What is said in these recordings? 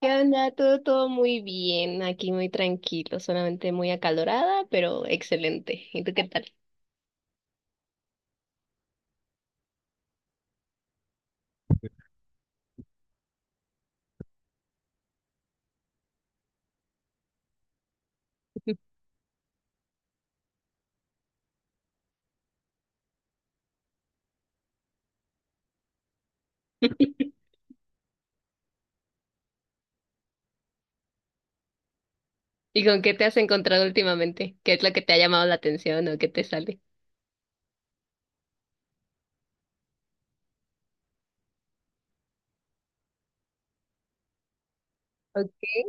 ¿Qué onda? Todo muy bien, aquí muy tranquilo, solamente muy acalorada, pero excelente. ¿Y tú qué tal? ¿Y con qué te has encontrado últimamente? ¿Qué es lo que te ha llamado la atención o qué te sale? Ok.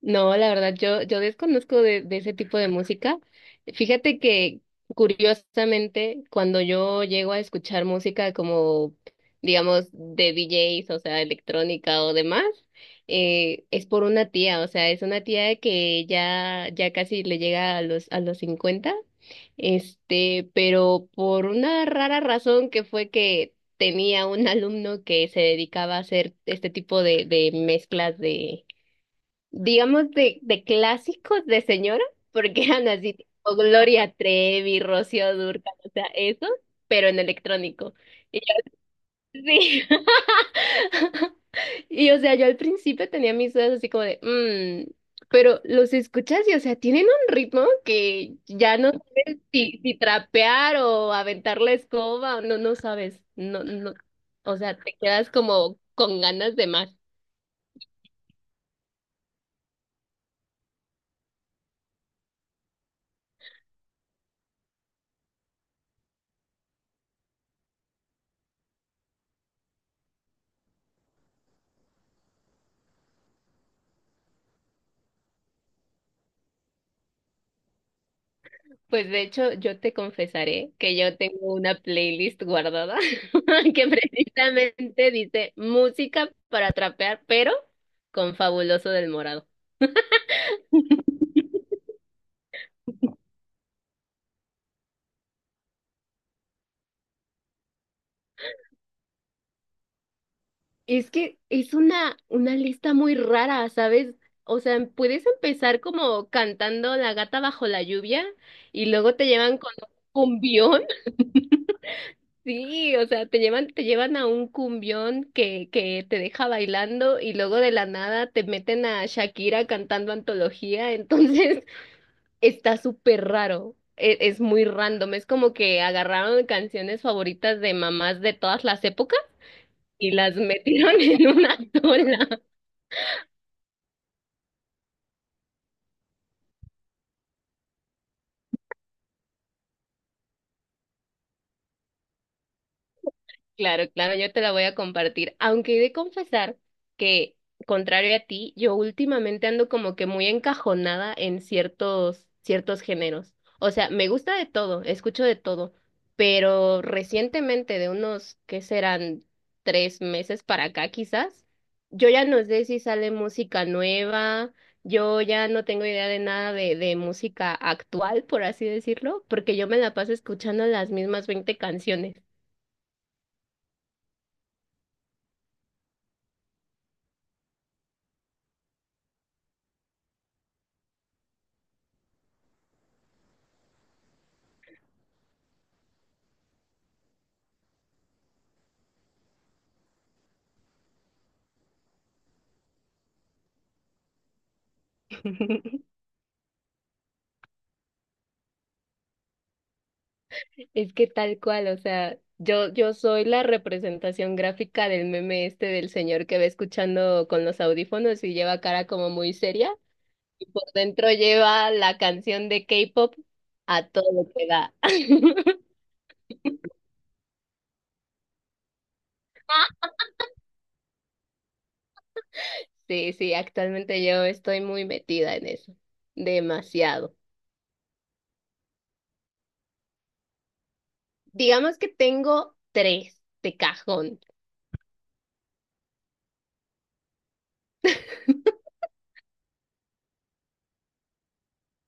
No, la verdad, yo desconozco de ese tipo de música. Fíjate que, curiosamente, cuando yo llego a escuchar música como, digamos, de DJs, o sea, electrónica o demás, es por una tía, o sea, es una tía que ya, ya casi le llega a los, 50 pero por una rara razón que fue que tenía un alumno que se dedicaba a hacer este tipo de mezclas de digamos, de clásicos de señora, porque eran así, tipo Gloria Trevi, Rocío Dúrcal, o sea, eso, pero en electrónico. Y yo, sí. Y o sea, yo al principio tenía mis dudas así como de, "Mm", pero los escuchas y o sea, tienen un ritmo que ya no sabes si, si trapear o aventar la escoba, o no, no sabes, no, no, o sea, te quedas como con ganas de más. Pues de hecho, yo te confesaré que yo tengo una playlist guardada que precisamente dice música para trapear, pero con Fabuloso del Morado. Es que es una lista muy rara, ¿sabes? O sea, puedes empezar como cantando La gata bajo la lluvia y luego te llevan con un cumbión. Sí, o sea, te llevan, a un cumbión que te deja bailando y luego de la nada te meten a Shakira cantando antología, entonces está súper raro, es, muy random, es como que agarraron canciones favoritas de mamás de todas las épocas y las metieron en una sola. Claro, claro, yo te la voy a compartir. Aunque he de confesar que, contrario a ti, yo últimamente ando como que muy encajonada en ciertos, ciertos géneros. O sea, me gusta de todo, escucho de todo, pero recientemente, de unos, ¿qué serán? Tres meses para acá, quizás, yo ya no sé si sale música nueva, yo ya no tengo idea de nada de música actual, por así decirlo, porque yo me la paso escuchando las mismas 20 canciones. Es que tal cual, o sea, yo soy la representación gráfica del meme este del señor que va escuchando con los audífonos y lleva cara como muy seria y por dentro lleva la canción de K-pop a todo lo que da. Sí, sí, actualmente yo estoy muy metida en eso, demasiado. Digamos que tengo tres de cajón.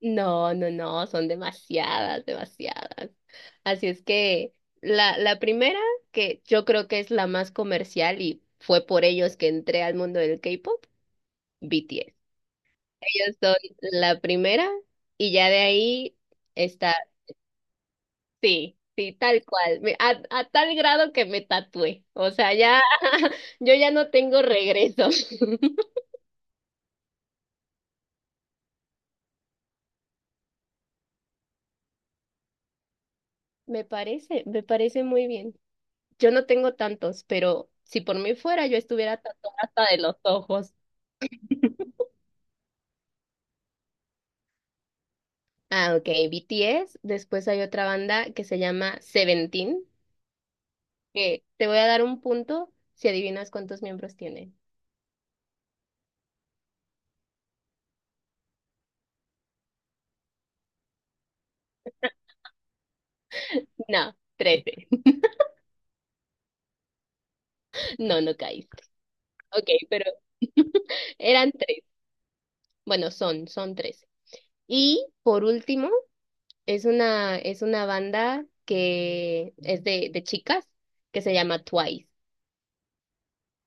No, no, no, son demasiadas, demasiadas. Así es que la primera, que yo creo que es la más comercial y fue por ellos que entré al mundo del K-pop, BTS. Ellos son la primera y ya de ahí está, sí, sí, tal cual, a tal grado que me tatué. O sea, ya, yo ya no tengo regreso. Me parece muy bien. Yo no tengo tantos, pero si por mí fuera, yo estuviera tatuada hasta de los ojos. Ah, ok, BTS. Después hay otra banda que se llama Seventeen, que te voy a dar un punto si adivinas cuántos miembros tiene. No, 13. No, no caíste. Ok, pero eran tres. Bueno, son tres. Y por último, es una, banda que es de chicas que se llama Twice.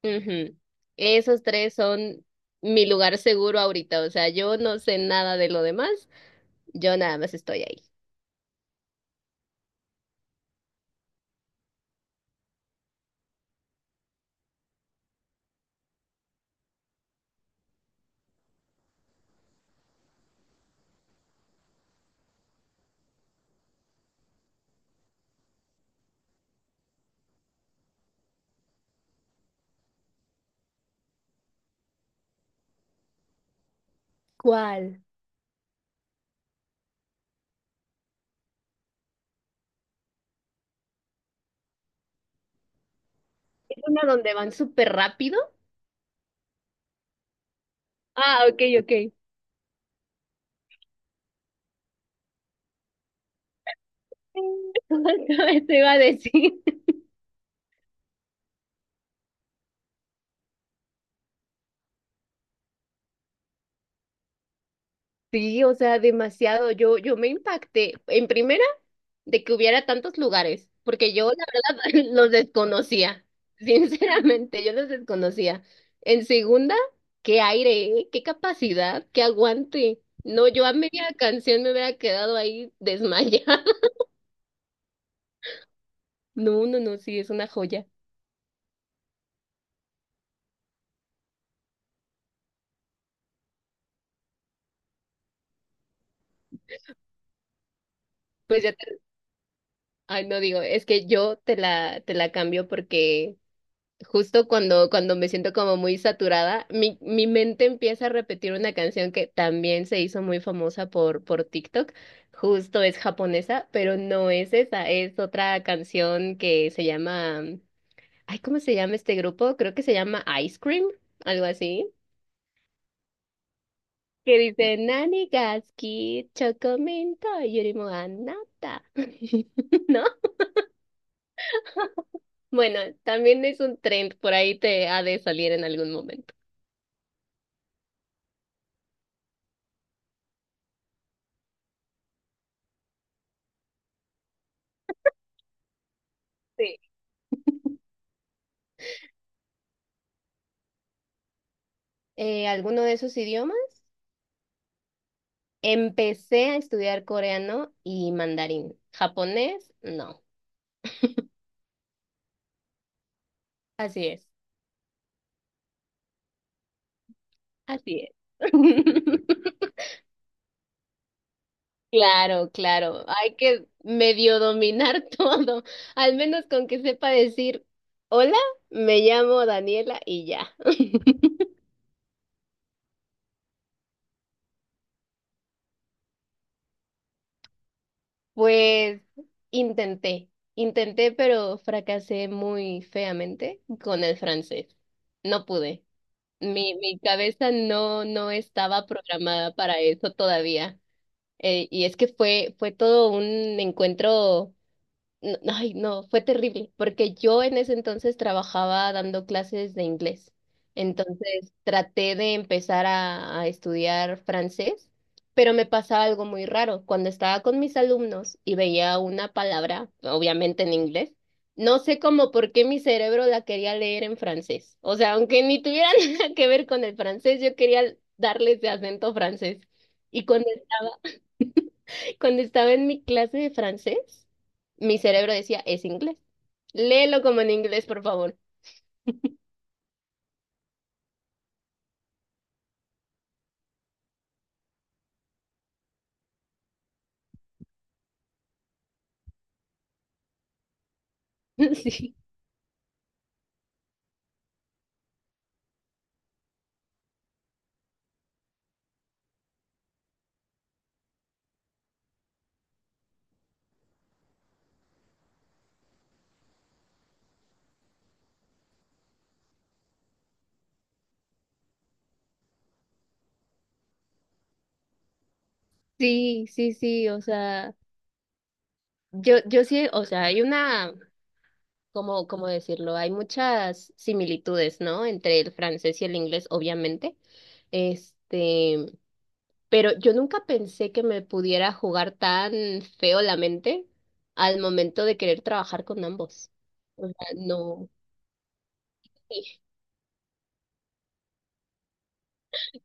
Ujú. Esos tres son mi lugar seguro ahorita, o sea, yo no sé nada de lo demás, yo nada más estoy ahí. ¿Cuál? ¿Es una donde van súper rápido? Ah, ok, ok. Te iba a decir. Sí, o sea, demasiado. Yo me impacté. En primera, de que hubiera tantos lugares, porque yo la verdad los desconocía, sinceramente, yo los desconocía. En segunda, qué aire, ¿eh? Qué capacidad, qué aguante. No, yo a media canción me hubiera quedado ahí desmayada. No, no, no, sí, es una joya. Pues ya te, ay, no digo, es que yo te la, cambio porque justo cuando me siento como muy saturada, mi mente empieza a repetir una canción que también se hizo muy famosa por TikTok. Justo es japonesa, pero no es esa, es otra canción que se llama, ay, ¿cómo se llama este grupo? Creo que se llama Ice Cream, algo así, que dice Nani ga suki, chocominto yurimo anata. ¿No? Bueno, también es un trend, por ahí te ha de salir en algún momento. Alguno de esos idiomas. Empecé a estudiar coreano y mandarín. Japonés, no. Así es, así es. Claro, claro. Hay que medio dominar todo. Al menos con que sepa decir, hola, me llamo Daniela y ya. Pues intenté, intenté, pero fracasé muy feamente con el francés. No pude. Mi cabeza no, no estaba programada para eso todavía. Y es que fue todo un encuentro. No, ay, no, fue terrible, porque yo en ese entonces trabajaba dando clases de inglés. Entonces traté de empezar a estudiar francés, pero me pasaba algo muy raro. Cuando estaba con mis alumnos y veía una palabra, obviamente en inglés, no sé cómo por qué mi cerebro la quería leer en francés. O sea, aunque ni tuviera nada que ver con el francés, yo quería darles de acento francés. Y cuando estaba en mi clase de francés, mi cerebro decía, es inglés. Léelo como en inglés, por favor. Sí, sí, sí, sí, o sea, yo sí, o sea, hay una, como, ¿cómo decirlo? Hay muchas similitudes, ¿no? Entre el francés y el inglés, obviamente. Este, pero yo nunca pensé que me pudiera jugar tan feo la mente al momento de querer trabajar con ambos. O sea, no.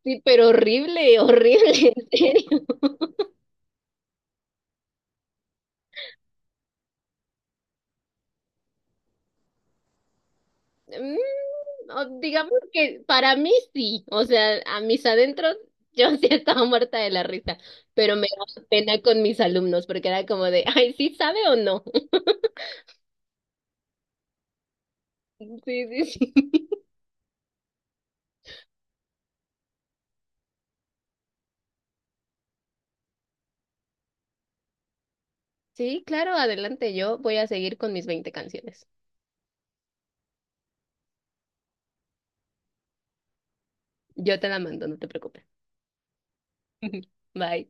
Sí, pero horrible, horrible, en serio. Mm, o digamos que para mí sí, o sea, a mis adentros yo sí estaba muerta de la risa, pero me daba pena con mis alumnos porque era como de, ay, ¿sí sabe o no? Sí, sí, sí. Sí, claro, adelante, yo voy a seguir con mis 20 canciones. Yo te la mando, no te preocupes. Bye.